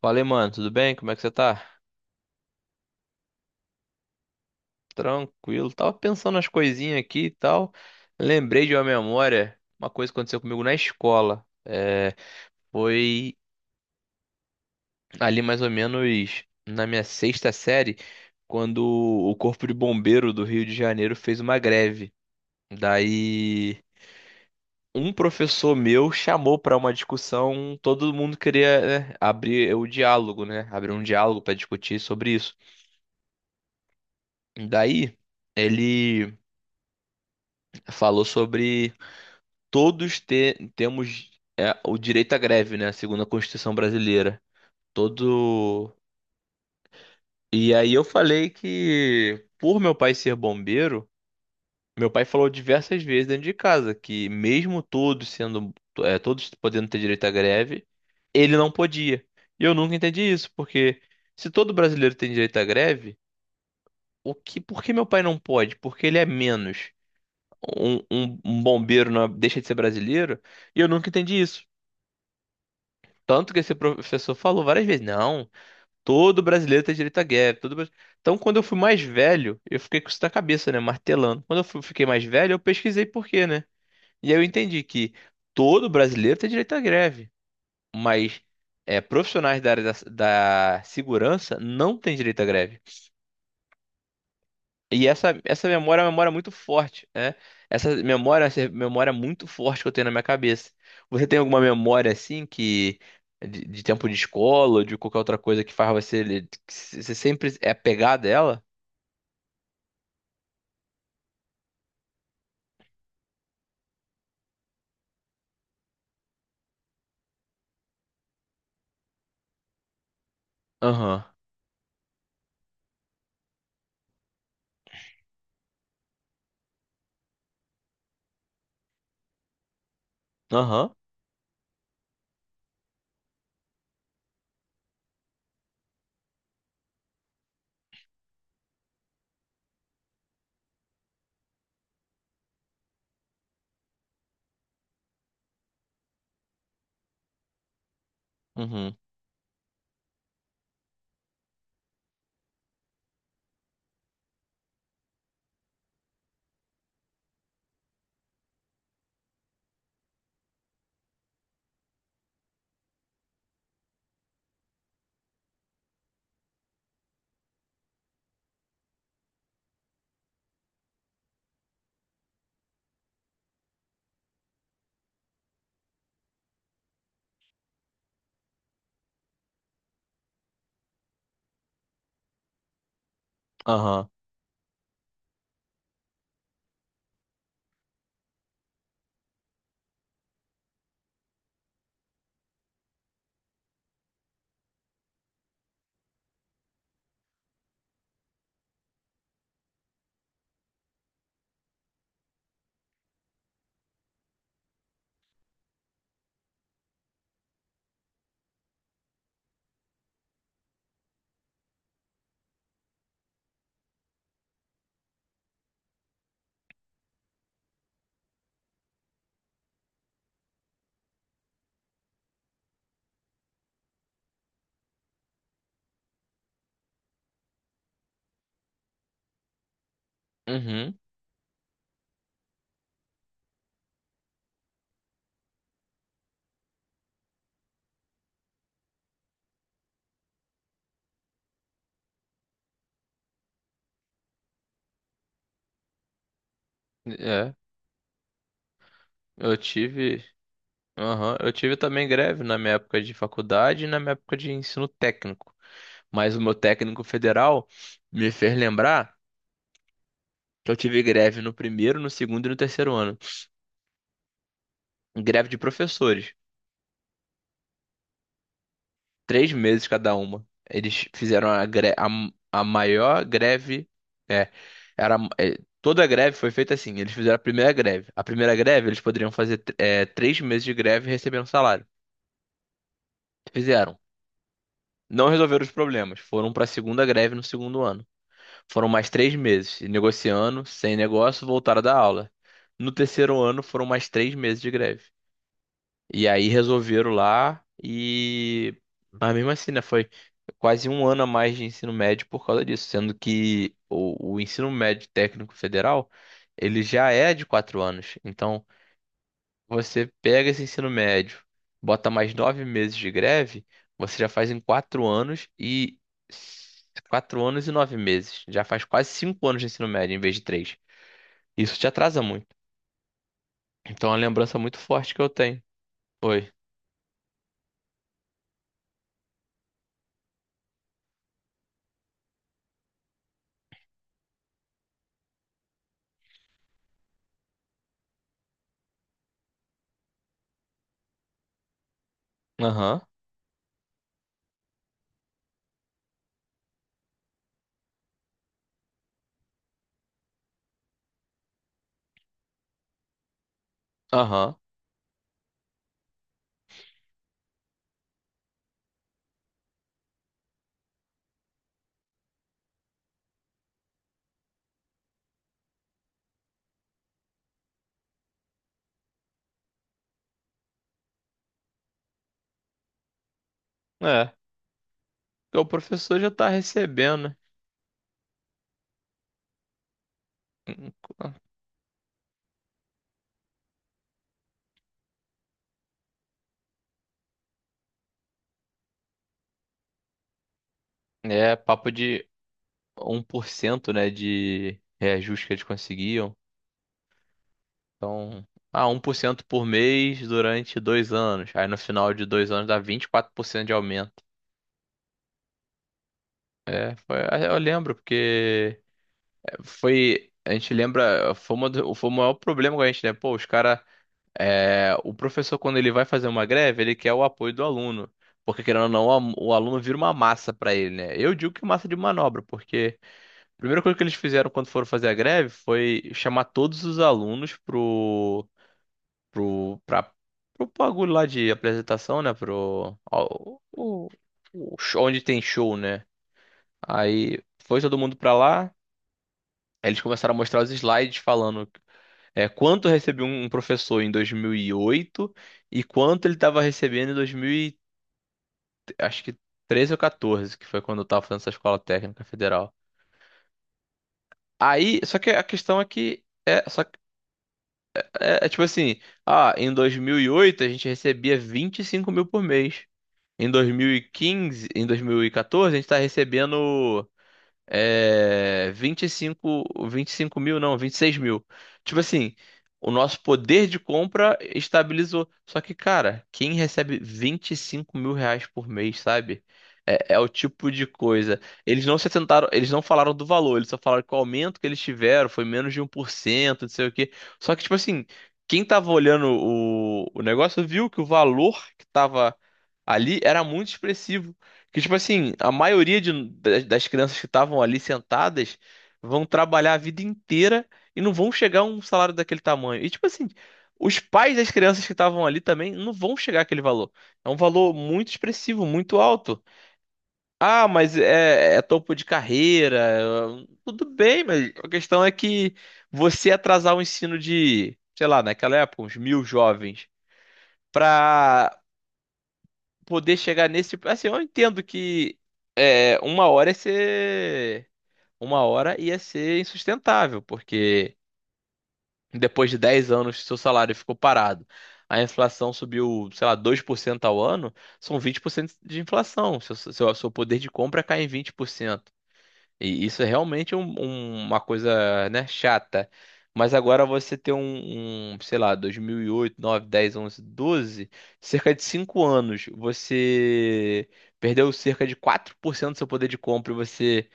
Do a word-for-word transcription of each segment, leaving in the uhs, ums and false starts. Falei, mano, tudo bem? Como é que você tá? Tranquilo. Tava pensando nas coisinhas aqui e tal. Lembrei de uma memória, uma coisa que aconteceu comigo na escola. É, foi ali mais ou menos na minha sexta série, quando o Corpo de Bombeiro do Rio de Janeiro fez uma greve. Daí, um professor meu chamou para uma discussão, todo mundo queria, né, abrir o diálogo, né? Abrir um diálogo para discutir sobre isso. Daí, ele falou sobre todos te- temos é, o direito à greve, né? Segundo a Constituição brasileira. Todo. E aí eu falei que, por meu pai ser bombeiro, meu pai falou diversas vezes dentro de casa que, mesmo todos sendo, é, todos podendo ter direito à greve, ele não podia. E eu nunca entendi isso, porque se todo brasileiro tem direito à greve, o que, por que meu pai não pode? Porque ele é menos. Um, um- um bombeiro não é- deixa de ser brasileiro? E eu nunca entendi isso. Tanto que esse professor falou várias vezes, não, todo brasileiro tem direito à guerra, todo... brasi-" Então, quando eu fui mais velho, eu fiquei com isso na cabeça, né, martelando. Quando eu fu- fiquei mais velho, eu pesquisei por quê, né? E aí eu entendi que todo brasileiro tem direito à greve, mas é, profissionais da área da, da segurança não têm direito à greve. E essa, essa memória é uma memória muito forte, né? Essa memória, essa memória muito forte que eu tenho na minha cabeça. Você tem alguma memória assim que de, de tempo de escola, ou de qualquer outra coisa que faz você, le- que c- você sempre é apegado a ela? Aham. Aham. Uhum. Aham. Uhum. É, eu tive, aham. Eu tive também greve na minha época de faculdade e na minha época de ensino técnico. Mas o meu técnico federal me fez lembrar que eu tive greve no primeiro, no segundo e no terceiro ano. Greve de professores. Três meses cada uma. Eles fizeram a, gre- a, a maior greve. É, era, é, toda a greve foi feita assim. Eles fizeram a primeira greve. A primeira greve, eles poderiam fazer é, três meses de greve e receber um salário. Fizeram. Não resolveram os problemas. Foram para a segunda greve no segundo ano. Foram mais três meses, negociando, sem negócio, voltaram da aula. No terceiro ano, foram mais três meses de greve. E aí resolveram lá e. Mas mesmo assim, né? Foi quase um ano a mais de ensino médio por causa disso, sendo que o, o ensino médio técnico federal ele já é de quatro anos. Então, você pega esse ensino médio, bota mais nove meses de greve, você já faz em quatro anos e quatro anos e nove meses. Já faz quase cinco anos de ensino médio em vez de três. Isso te atrasa muito. Então, é uma lembrança muito forte que eu tenho. Oi. Aham. Aham. É. Porque o professor já tá recebendo, né? É, papo de um por cento, né, de reajuste que eles conseguiam. Então, ah, um por cento por mês durante dois anos. Aí no final de dois anos dá vinte e quatro por cento de aumento. É, foi, ah, eu lembro, porque eh, foi. A gente lembra, foi, uma, do- foi o maior problema com a gente, né? Pô, os caras. O professor, quando ele vai fazer uma greve, ele quer o apoio do aluno. Porque, querendo ou não, o am- o aluno vira uma massa pra ele, né? Eu digo que massa de manobra, porque. A primeira coisa que eles fizeram quando foram fazer a greve foi chamar todos os alunos pro, pro, pra, pro bagulho lá de apresentação, né? Pro, ao- o- o show- onde tem show, né? Aí foi todo mundo pra lá. Aí eles começaram a mostrar os slides falando é, quanto recebeu um professor em dois mil e oito e quanto ele estava recebendo em dois mil, e- acho que treze ou quatorze, que foi quando eu tava fazendo essa escola técnica federal. Aí, só que a questão é que é, só, É, é tipo assim, ah, em dois mil e oito a gente recebia vinte e cinco mil por mês. Em dois mil e quinze, em dois mil e quatorze, a gente tá recebendo é, vinte e cinco vinte e cinco mil, não, vinte e seis mil. Tipo assim, o nosso poder de compra estabilizou. Só que, cara, quem recebe vinte e cinco mil reais por mês, sabe? É, é o tipo de coisa. Eles não se sentaram, eles não falaram do valor, eles só falaram que o aumento que eles tiveram foi menos de um por cento, não sei o quê. Só que, tipo assim, quem tava olhando o, o negócio viu que o valor que tava ali era muito expressivo. Que, tipo assim, a maioria de- das das crianças que estavam ali sentadas vão trabalhar a vida inteira e não vão chegar a um salário daquele tamanho. E, tipo assim, os pais das crianças que estavam ali também não vão chegar àquele valor. É um valor muito expressivo, muito alto. Ah, mas é, é topo de carreira. é- Tudo bem, mas a questão é que você atrasar o ensino de, sei lá, naquela época, uns mil jovens. Para poder chegar nesse tipo. Assim, eu entendo que é, uma hora ia ser. Uma hora ia ser insustentável, porque depois de dez anos seu salário ficou parado, a inflação subiu, sei lá, dois por cento ao ano, são vinte por cento de inflação. Seu, seu, seu poder de compra cai em vinte por cento e isso é realmente um- um- uma coisa, né, chata. Mas agora você tem um, um, sei lá, dois mil e oito, nove, dez, onze, doze, cerca de cinco anos, você perdeu cerca de quatro por cento do seu poder de compra e você,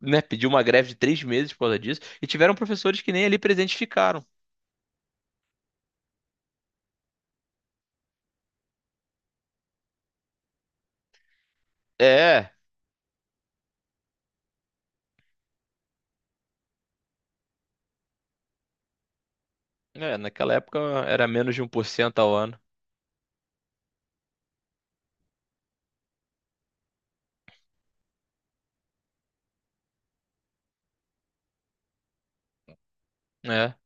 né, pediu uma greve de três meses por causa disso. E tiveram professores que nem ali presentes ficaram. É, é, naquela época era menos de um por cento ao ano. É.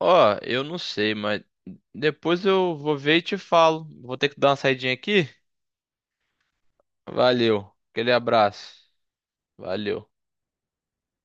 Ó, eu não sei, mas depois eu vou ver e te falo. Vou ter que dar uma saidinha aqui. Valeu. Aquele abraço. Valeu.